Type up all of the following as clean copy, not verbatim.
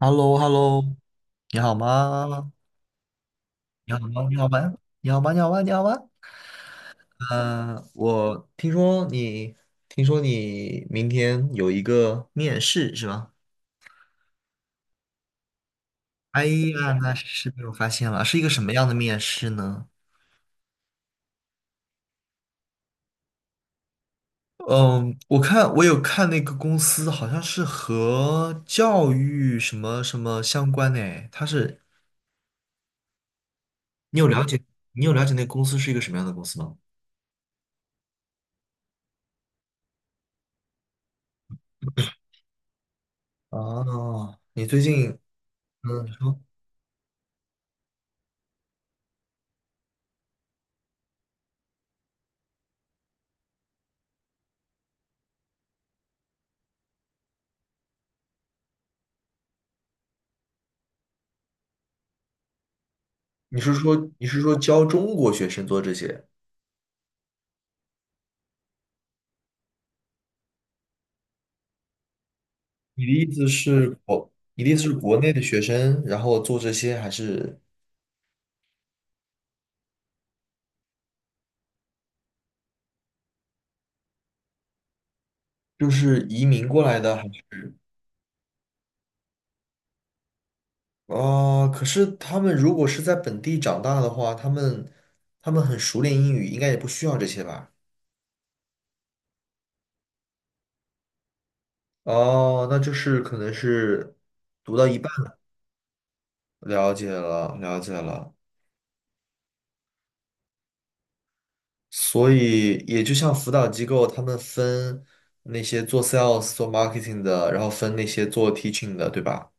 h e l l o h e l l o 你好吗？你好吗？你好吗？你好吗？你好吗？你好吗？嗯、我听说你，听说你明天有一个面试是吧？哎呀，那是被我发现了，是一个什么样的面试呢？嗯，我看我有看那个公司，好像是和教育什么什么相关的诶，它是你有了解，那个公司是一个什么样的公司吗？哦，你最近嗯，你说你是说教中国学生做这些？你的意思是国内的学生，然后做这些，还是就是移民过来的？还是啊、可是他们如果是在本地长大的话，他们很熟练英语，应该也不需要这些吧？哦，那就是可能是读到一半了，了解了，了解了。所以也就像辅导机构，他们分那些做 sales、做 marketing 的，然后分那些做 teaching 的，对吧？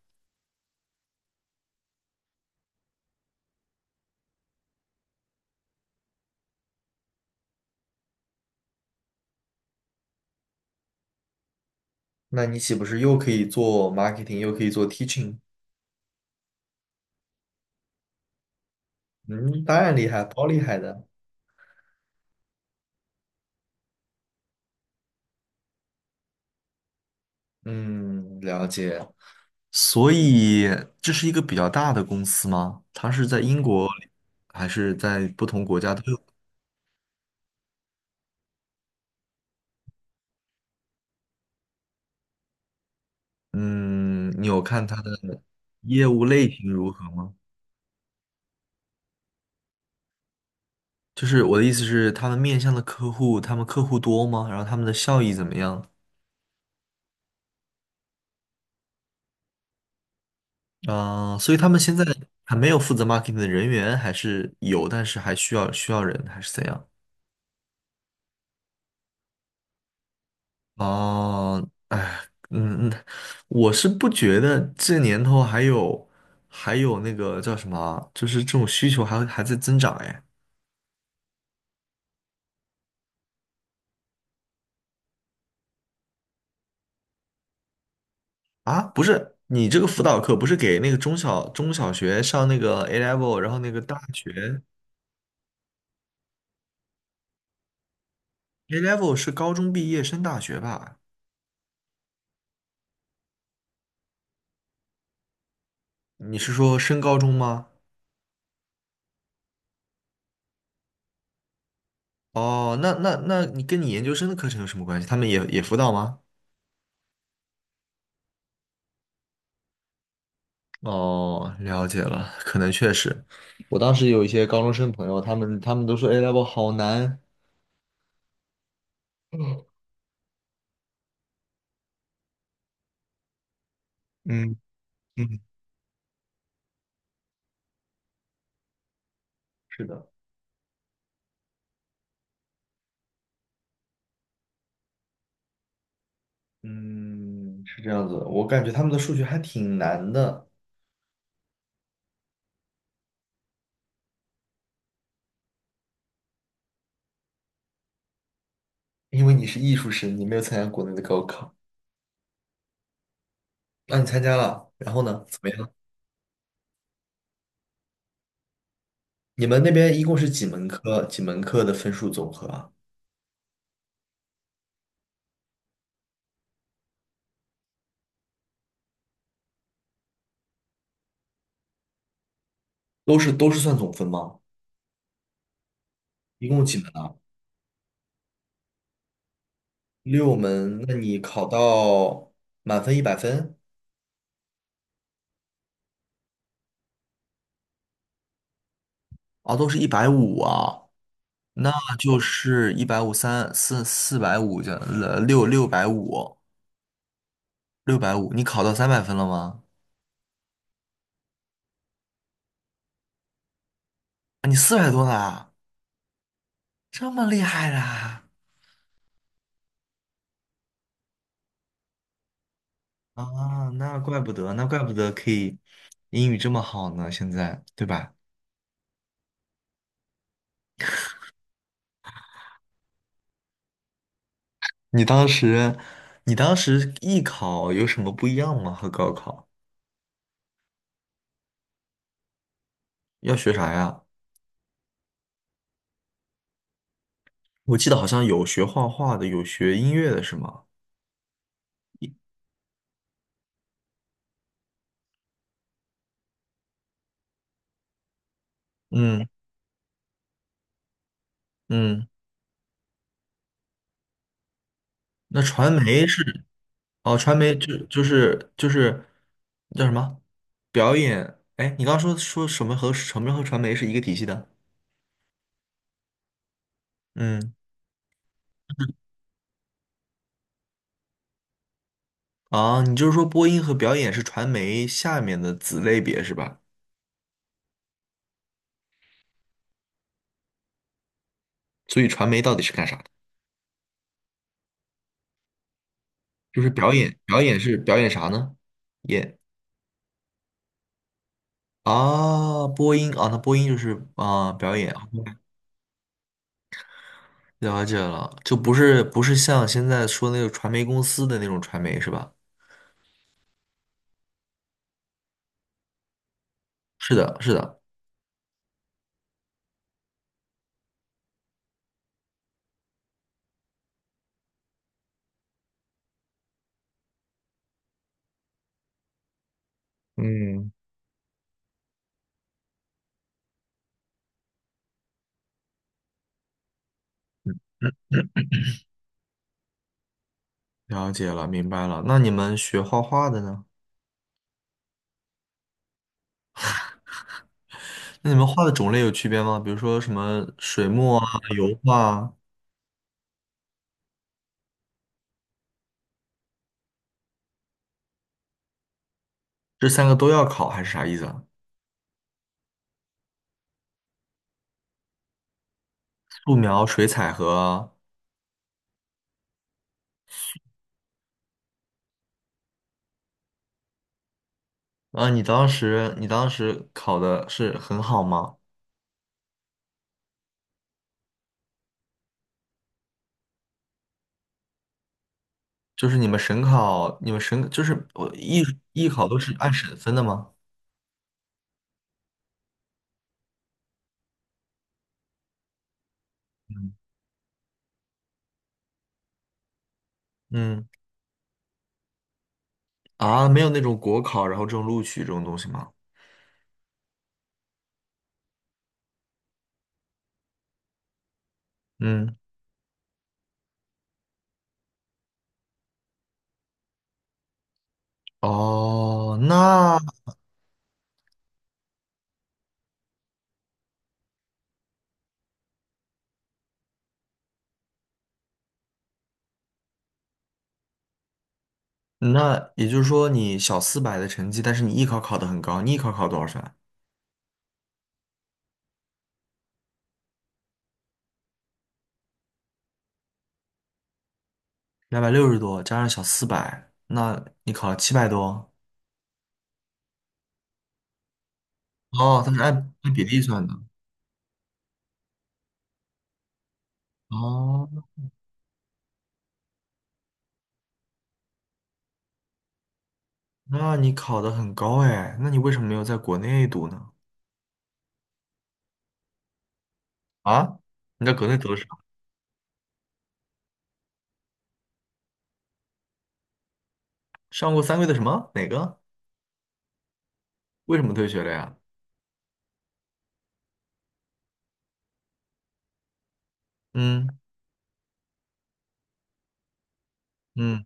那你岂不是又可以做 marketing，又可以做 teaching？嗯，当然厉害，超厉害的。嗯，了解。所以这是一个比较大的公司吗？它是在英国还是在不同国家都有？嗯，你有看它的业务类型如何吗？就是我的意思是，他们面向的客户，他们客户多吗？然后他们的效益怎么样？啊、所以他们现在还没有负责 marketing 的人员，还是有，但是还需要人，还是怎样？哦，哎，嗯，嗯，我是不觉得这年头还有那个叫什么啊就是这种需求还在增长哎。啊，不是，你这个辅导课不是给那个中小学上那个 A level，然后那个大学 A level 是高中毕业升大学吧？你是说升高中吗？哦，那你跟你研究生的课程有什么关系？他们也辅导吗？哦，了解了，可能确实，我当时有一些高中生朋友，他们都说 A level 好难。嗯嗯，是的，嗯，是这样子的，我感觉他们的数学还挺难的。因为你是艺术生，你没有参加国内的高考，那、你参加了，然后呢，怎么样？你们那边一共是几门课？几门课的分数总和啊？都是算总分吗？一共几门啊？6门，那你考到满分100分？啊，都是一百五啊。那就是一百五三四450这六六百五六百五，你考到300分了吗？啊，你400多啦，这么厉害啦！啊，那怪不得，那怪不得可以英语这么好呢，现在对吧？你当时你当时艺考有什么不一样吗？和高考要学啥呀？我记得好像有学画画的，有学音乐的是吗？嗯嗯。那传媒是哦，传媒就是叫什么表演？哎，你刚刚说什么和什么和传媒是一个体系的？嗯，啊，你就是说播音和表演是传媒下面的子类别是吧？所以传媒到底是干啥的？就是表演，表演是表演啥呢？演啊，播音啊，那播音就是啊表演，了解了，就不是像现在说那个传媒公司的那种传媒是吧？是的，是的。嗯，了解了，明白了。那你们学画画的呢？那你们画的种类有区别吗？比如说什么水墨啊、油画啊，这三个都要考，还是啥意思啊？素描、水彩和啊，啊你当时考的是很好吗？就是你们省考，你们省就是我艺考都是按省分的吗？嗯嗯啊，没有那种国考，然后这种录取这种东西吗？嗯，哦，那也就是说，你小四百的成绩，但是你艺考考得很高，你艺考考多少分啊？260多，加上小四百，那你考了700多。哦，它是按比例算的。哦，那你考得很高哎，那你为什么没有在国内读呢？啊？你在国内读的是啥上过3个月的什么？哪个？为什么退学了呀？嗯嗯，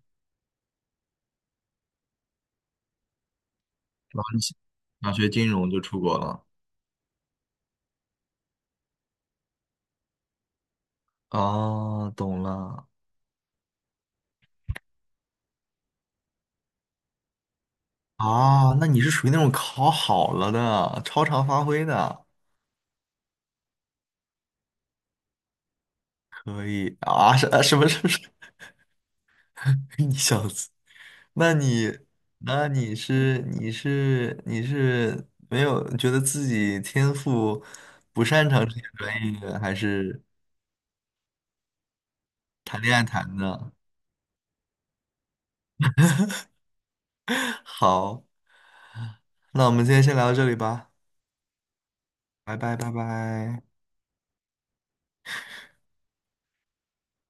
然后你想学金融就出国了。哦，懂了。啊，那你是属于那种考好了的，超常发挥的。可以啊？是啊什么什么什么？你小子，那你那你是没有觉得自己天赋不擅长这些专业的，还是谈恋爱谈的？好，那我们今天先聊到这里吧，拜拜拜拜。